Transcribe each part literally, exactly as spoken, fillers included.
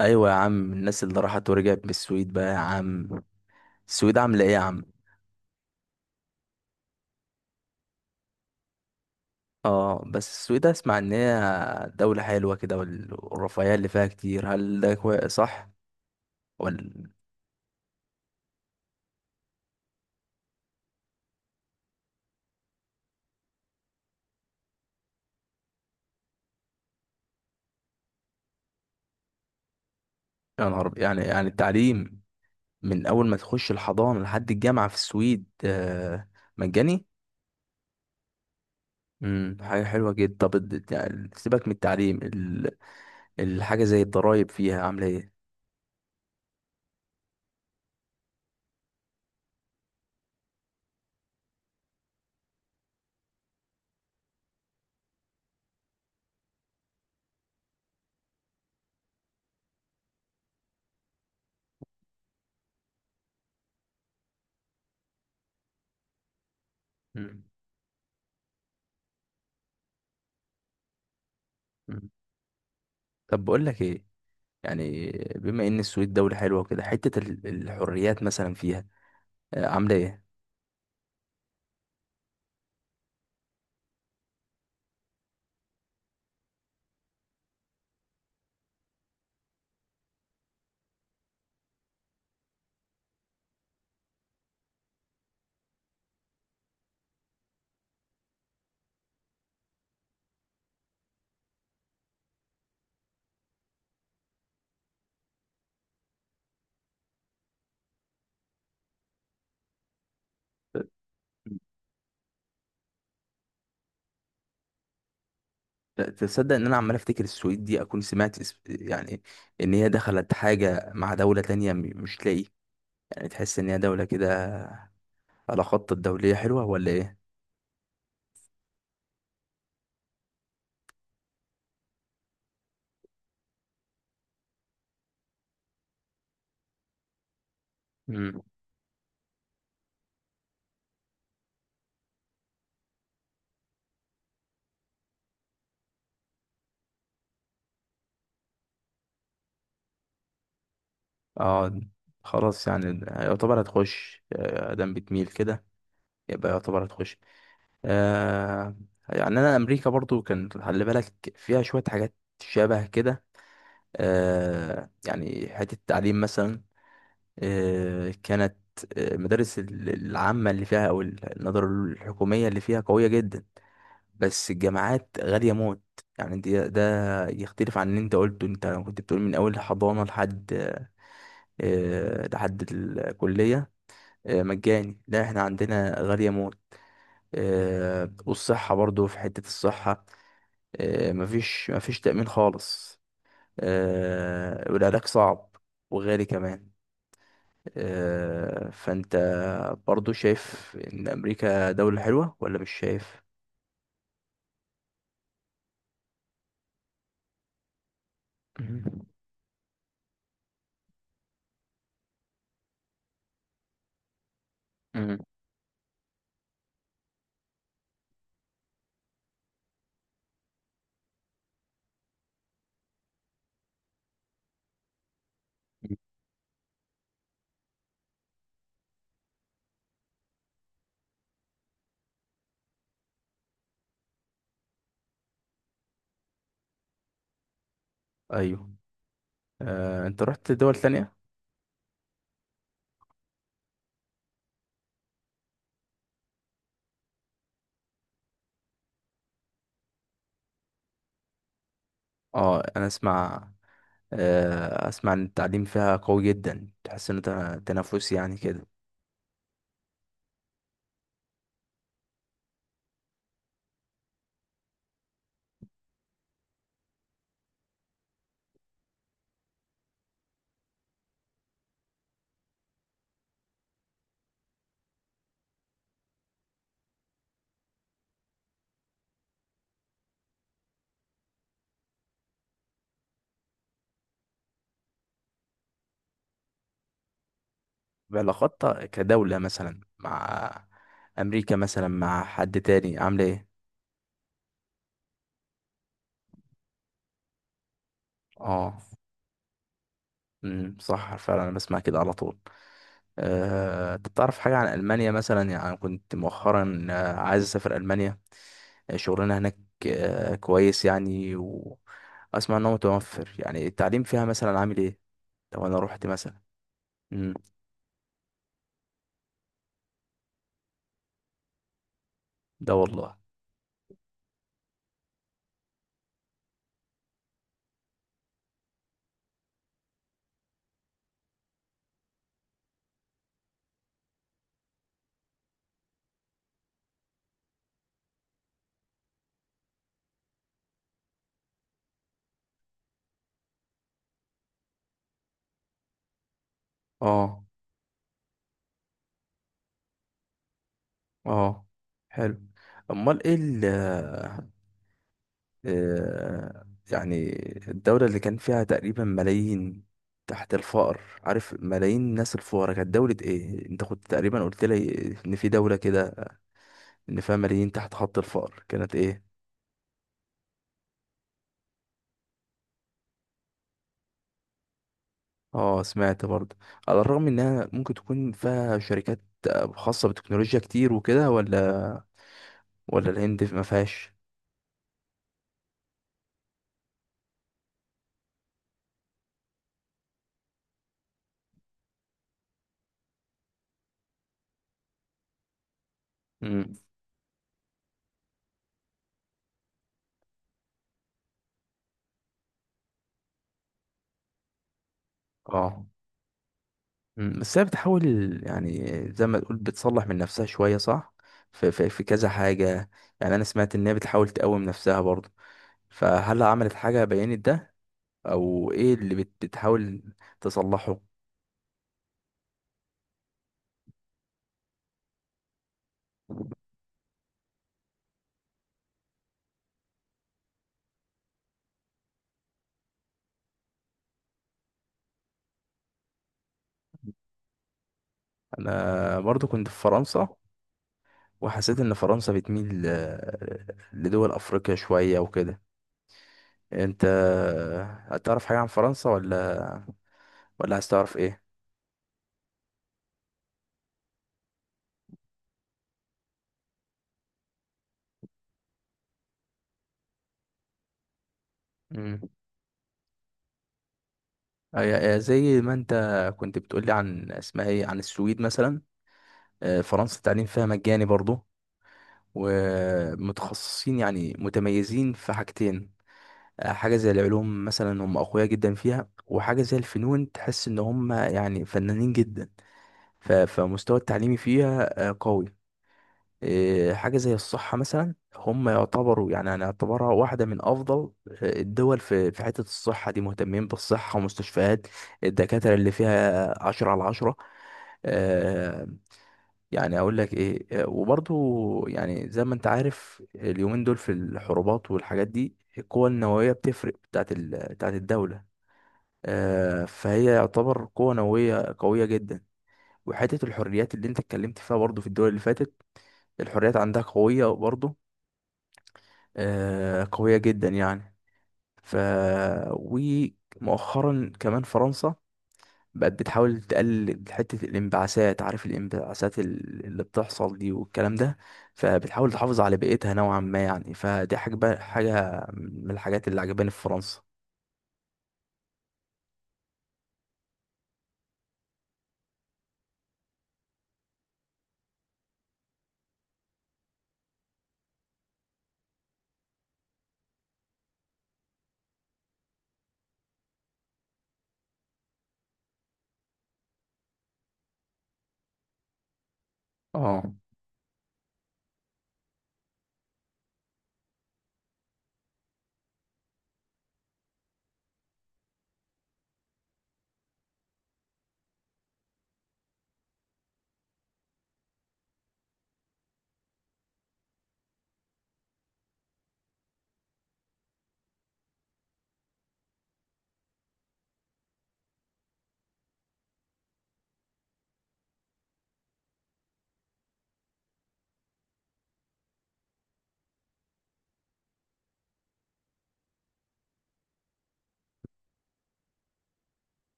ايوه يا عم. الناس اللي راحت ورجعت من السويد بقى يا عم، السويد عامله ايه يا عم؟ اه، بس السويد اسمع ان هي دولة حلوة كده وال- والرفاهية اللي فيها كتير. هل ده كوي- صح؟ ولا؟ يا نهار أبيض! يعني يعني التعليم من اول ما تخش الحضانة لحد الجامعة في السويد، آه، مجاني؟ امم حاجة حلوة جدا. طب الد- يعني سيبك من التعليم ال- الحاجة زي الضرايب فيها عاملة ايه؟ مم. مم. طب بقول لك ايه. يعني بما ان السويد دولة حلوة كده، حتة ال- الحريات مثلا فيها آه، عاملة ايه؟ ت- تصدق ان انا عمال افتكر السويد دي اكون سمعت اس- يعني ان هي دخلت حاجة مع دولة تانية م- مش تلاقي يعني تحس ان هي دولة كده على خط الدولية حلوة ولا ايه؟ امم اه. خلاص، يعني يعتبر هتخش. آه، ادام بتميل كده يبقى يعتبر هتخش. آه. يعني انا امريكا برضو كان خلي بالك فيها شوية حاجات شبه كده. آه، يعني حتة التعليم مثلا، آه، كانت آه، المدارس ال- العامة اللي فيها أو ال- النظر الحكومية اللي فيها قوية جدا، بس الجامعات غالية موت. يعني دي ده يختلف عن اللي انت قلته. انت كنت بتقول من أول حضانة لحد، آه، لحد الكلية، آه، مجاني. لا، احنا عندنا غالية موت. آه، والصحة برضو، في حتة الصحة آه، مفيش مفيش تأمين خالص. آه، والعلاج صعب وغالي كمان. آه، فانت برضو شايف ان امريكا دولة حلوة ولا مش شايف؟ مم. مم. ايوه. آه، انت رحت دول تانية؟ اه، انا اسمع، آه، اسمع ان التعليم فيها قوي جدا، تحس ان ت- تنافس يعني كده. بعلاقاتها كدولة مثلا مع امريكا مثلا مع حد تاني عاملة ايه؟ اه. امم صح فعلا، انا بسمع كده على طول. آه، تعرف حاجة عن ألمانيا مثلا؟ يعني أنا كنت مؤخرا آه، عايز أسافر ألمانيا، آه، شغلنا هناك آه، كويس يعني. وأسمع إن هو متوفر، يعني التعليم فيها مثلا عامل إيه لو أنا روحت مثلا؟ مم. ده والله؟ اه اه. حلو. أمال إيه ال آه، آه، يعني الدولة اللي كان فيها تقريبا ملايين تحت الفقر؟ عارف، ملايين الناس الفقراء، كانت دولة إيه؟ أنت كنت تقريبا قلت لي إن في دولة كده ان فيها ملايين تحت خط الفقر، كانت ايه؟ اه، سمعت برضه. على الرغم انها ممكن تكون فيها شركات آه، خاصة بالتكنولوجيا كتير وكده، ولا ولا الهند ما فيهاش؟ امم اه. مم. بس هي بتحاول، يعني زي ما تقول بتصلح من نفسها شوية، صح؟ في, في, في كذا حاجة. يعني انا سمعت ان هي بتحاول تقوم نفسها برضه. فهل عملت حاجة بينت ده؟ او ايه اللي بت- بتحاول تصلحه؟ انا برضو كنت في فرنسا وحسيت ان فرنسا بتميل آه، لدول افريقيا شوية وكده. انت هتعرف حاجة عن فرنسا ولا ولا عايز تعرف ايه؟ امم زي ما انت كنت بتقولي عن اسمها ايه عن السويد مثلا، آه، فرنسا التعليم فيها مجاني برضه، ومتخصصين يعني متميزين في حاجتين. آه، حاجة زي العلوم مثلا هم أقوياء جدا فيها، وحاجة زي الفنون تحس إن هم يعني فنانين جدا. ف- فمستوى التعليمي فيها آه، قوي. إيه، حاجة زي الصحة مثلا هم يعتبروا، يعني هنعتبرها واحدة من أفضل آه، الدول، في في حتة الصحة دي مهتمين بالصحة ومستشفيات. الدكاترة اللي فيها عشرة على عشرة. آه، يعني أقول لك إيه، آه، وبرضو يعني زي ما أنت عارف اليومين دول في الحروبات والحاجات دي، القوة النووية بتفرق بتاعت ال- بتاعت الدولة. آه، فهي يعتبر قوة نووية قوية جدا. وحتة الحريات اللي انت اتكلمت فيها برضو في الدول اللي فاتت، الحريات عندها قوية برضو، آه، قوية جدا يعني. ف ومؤخرا كمان فرنسا بقت بتحاول تقلل حتة الانبعاثات. عارف الانبعاثات ال- اللي بتحصل دي والكلام ده، فبتحاول تحافظ على بيئتها نوعا ما يعني. فدي حاجة حاجة من الحاجات اللي عجباني في فرنسا. اه.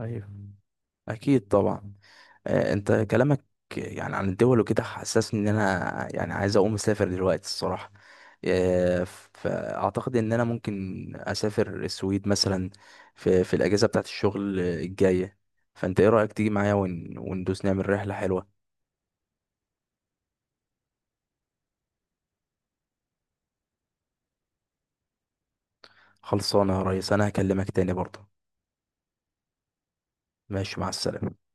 ايوه، اكيد طبعا. آه، انت كلامك يعني عن الدول وكده حسسني ان انا يعني عايز اقوم اسافر دلوقتي الصراحه. آه، فاعتقد ان انا ممكن اسافر السويد مثلا في في الاجازه بتاعت الشغل الجايه. فانت ايه رايك تيجي معايا ون- وندوس نعمل رحله حلوه؟ خلصانه يا ريس، انا هكلمك تاني برضه. ماشي، مع السلامه.